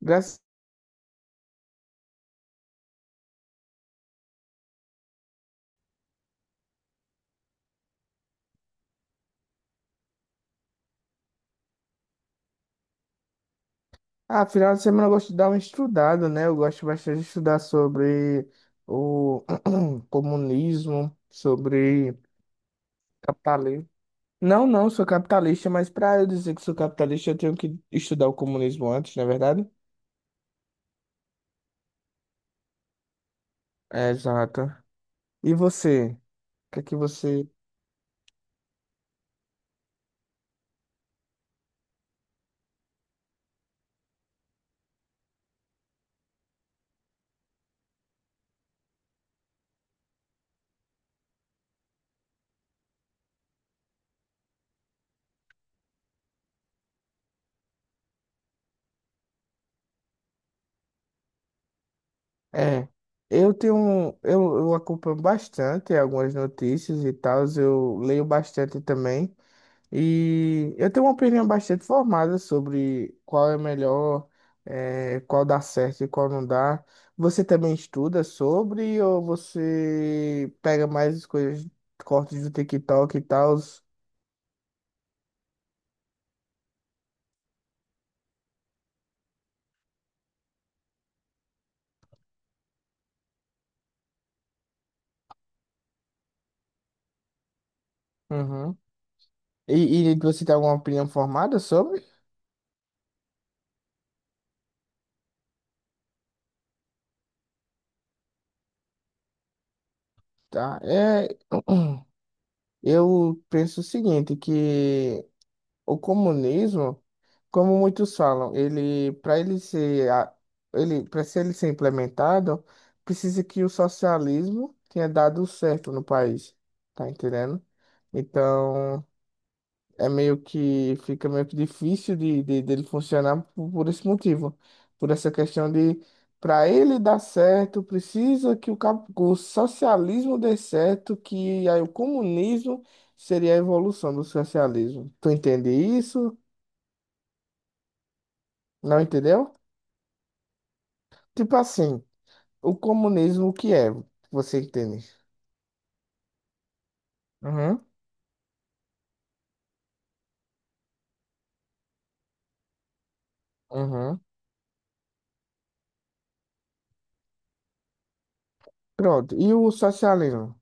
Graças. Ah, final de semana eu gosto de dar uma estudada, né? Eu gosto bastante de estudar sobre o comunismo, sobre capitalismo. Não, não, sou capitalista, mas para eu dizer que sou capitalista, eu tenho que estudar o comunismo antes, não é verdade? É, exato. E você? O que é que você... É, eu tenho, eu acompanho bastante algumas notícias e tal, eu leio bastante também. E eu tenho uma opinião bastante formada sobre qual é melhor, qual dá certo e qual não dá. Você também estuda sobre ou você pega mais as coisas, cortes do TikTok e tal? Uhum. E você tem alguma opinião formada sobre? Tá. É, eu penso o seguinte, que o comunismo, como muitos falam, ele para ser implementado, precisa que o socialismo tenha dado certo no país, tá entendendo? Então, é meio que fica meio que difícil de, dele funcionar por, esse motivo, por essa questão de, para ele dar certo, precisa que o socialismo dê certo, que aí o comunismo seria a evolução do socialismo. Tu entende isso? Não entendeu? Tipo assim, o comunismo, o que é? Você entende? Uhum, uhum. Pronto. E o socialismo?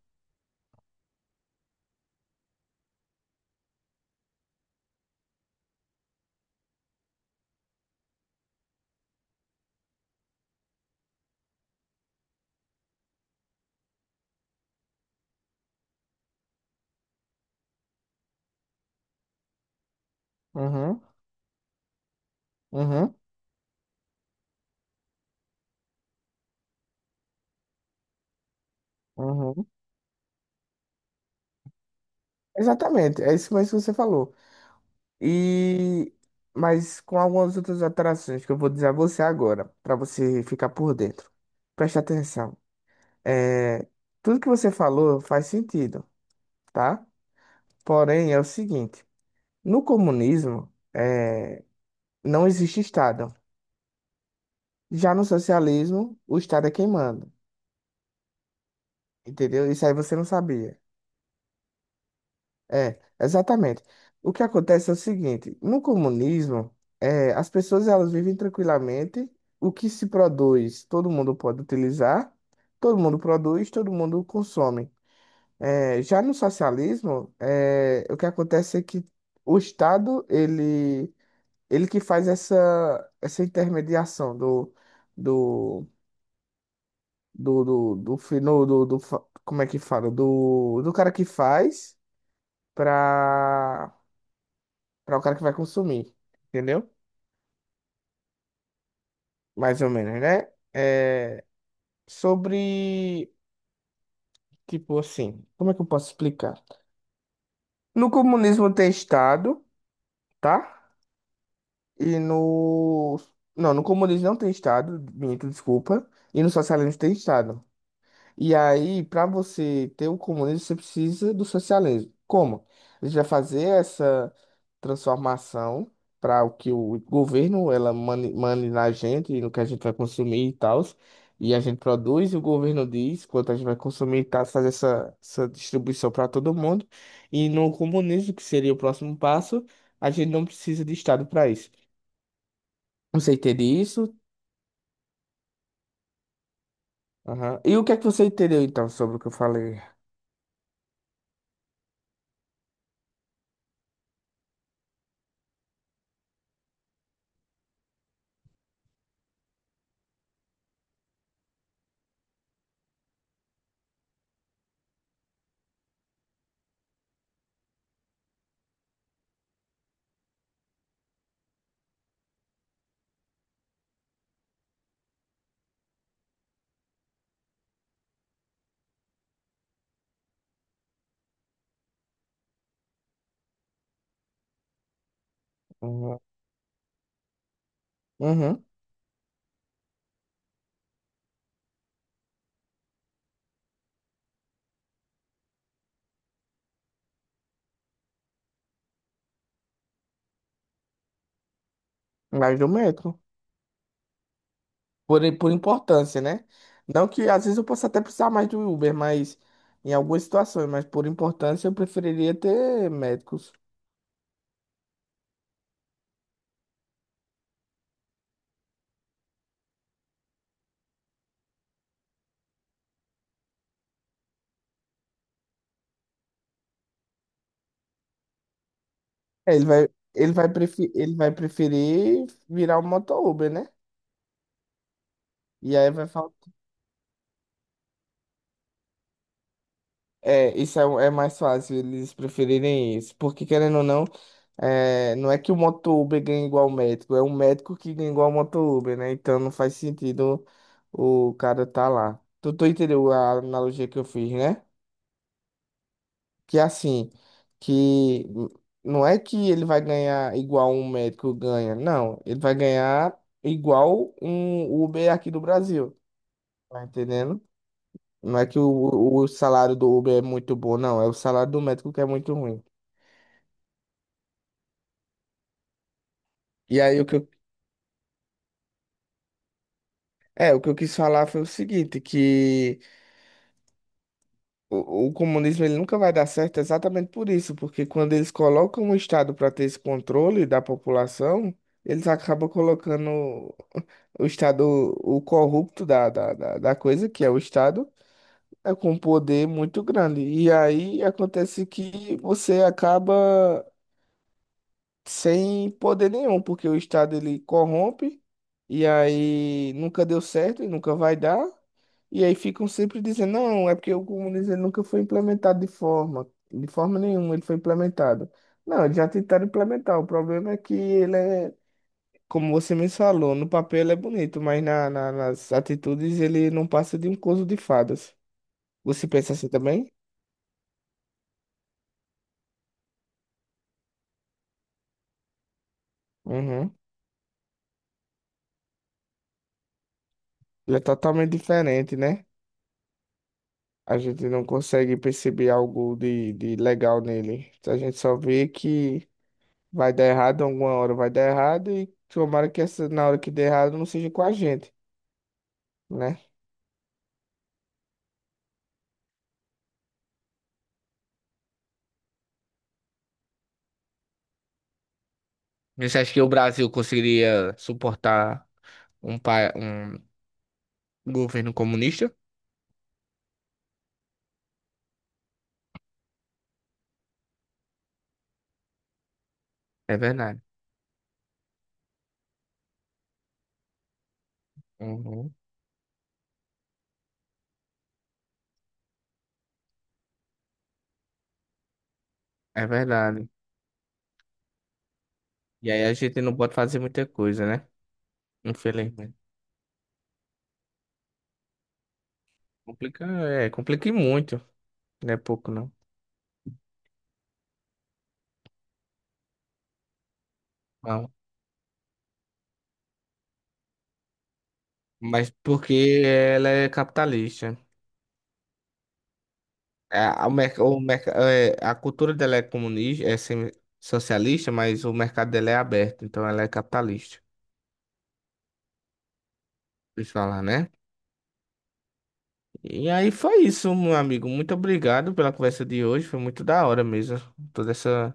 Uhum, uhum, uhum. Exatamente, é isso mesmo que você falou. E... Mas com algumas outras alterações que eu vou dizer a você agora, para você ficar por dentro. Preste atenção. É... Tudo que você falou faz sentido, tá? Porém, é o seguinte: no comunismo, não existe Estado. Já no socialismo, o Estado é quem manda, entendeu? Isso aí você não sabia. É, exatamente. O que acontece é o seguinte: no comunismo, é, as pessoas, elas vivem tranquilamente, o que se produz, todo mundo pode utilizar, todo mundo produz, todo mundo consome. É, já no socialismo, é, o que acontece é que o Estado, ele que faz essa intermediação do, do, do, do, fi- no- como é que fala? Do cara que faz para o cara que vai consumir, entendeu? Mais ou menos, né? É, sobre, tipo assim, como é que eu posso explicar? No comunismo tem Estado, tá? E no... Não, no comunismo não tem Estado, minto, desculpa. E no socialismo tem Estado. E aí, para você ter o comunismo, você precisa do socialismo. Como? A gente vai fazer essa transformação para o que o governo ela mane na gente, no que a gente vai consumir e tal. E a gente produz e o governo diz quanto a gente vai consumir e tal, fazer essa distribuição para todo mundo. E no comunismo, que seria o próximo passo, a gente não precisa de Estado para isso. Você entende isso? Aham. E o que é que você entendeu então sobre o que eu falei? Uhum. Uhum. Mas do metro. Por importância, né? Não que às vezes eu possa até precisar mais do Uber, mas em algumas situações, mas por importância eu preferiria ter médicos. É, Ele vai, ele vai preferir virar um moto Uber, né? E aí vai faltar. É, isso é, é mais fácil eles preferirem isso. Porque, querendo ou não, é, não é que o moto Uber ganha igual o médico, é o médico que ganha igual o moto Uber, né? Então não faz sentido o cara tá lá. Tu, tu entendeu a analogia que eu fiz, né? Que é assim, que não é que ele vai ganhar igual um médico ganha, não, ele vai ganhar igual um Uber aqui do Brasil, tá entendendo? Não é que o salário do Uber é muito bom, não, é o salário do médico que é muito ruim. E aí o que eu quis falar foi o seguinte, que o comunismo, ele nunca vai dar certo exatamente por isso, porque quando eles colocam o Estado para ter esse controle da população, eles acabam colocando o Estado, o corrupto da coisa, que é o Estado, é com um poder muito grande. E aí acontece que você acaba sem poder nenhum, porque o Estado, ele corrompe, e aí nunca deu certo e nunca vai dar. E aí ficam sempre dizendo: não, é porque o comunismo, ele nunca foi implementado de forma nenhuma, ele foi implementado. Não, eles já tentaram implementar, o problema é que ele é, como você me falou, no papel ele é bonito, mas na, nas atitudes ele não passa de um conto de fadas. Você pensa assim também? Uhum. Ele é totalmente diferente, né? A gente não consegue perceber algo de, legal nele. A gente só vê que vai dar errado alguma hora, vai dar errado, e tomara que essa, na hora que der errado, não seja com a gente, né? Você acha que o Brasil conseguiria suportar um governo comunista? É verdade. Uhum. É verdade. E aí a gente não pode fazer muita coisa, né? Infelizmente. Complica, é, complica e muito, não é pouco não. Não. Mas porque ela é capitalista. É, a, o merc- é, a cultura dela é comunista, é semi- socialista, mas o mercado dela é aberto, então ela é capitalista. Deixa eu falar, né? E aí foi isso, meu amigo. Muito obrigado pela conversa de hoje. Foi muito da hora mesmo, toda essa,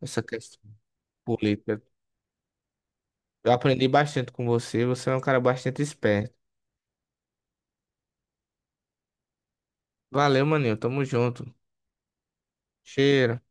essa questão política. Eu aprendi bastante com você. Você é um cara bastante esperto. Valeu, maninho. Tamo junto. Cheiro.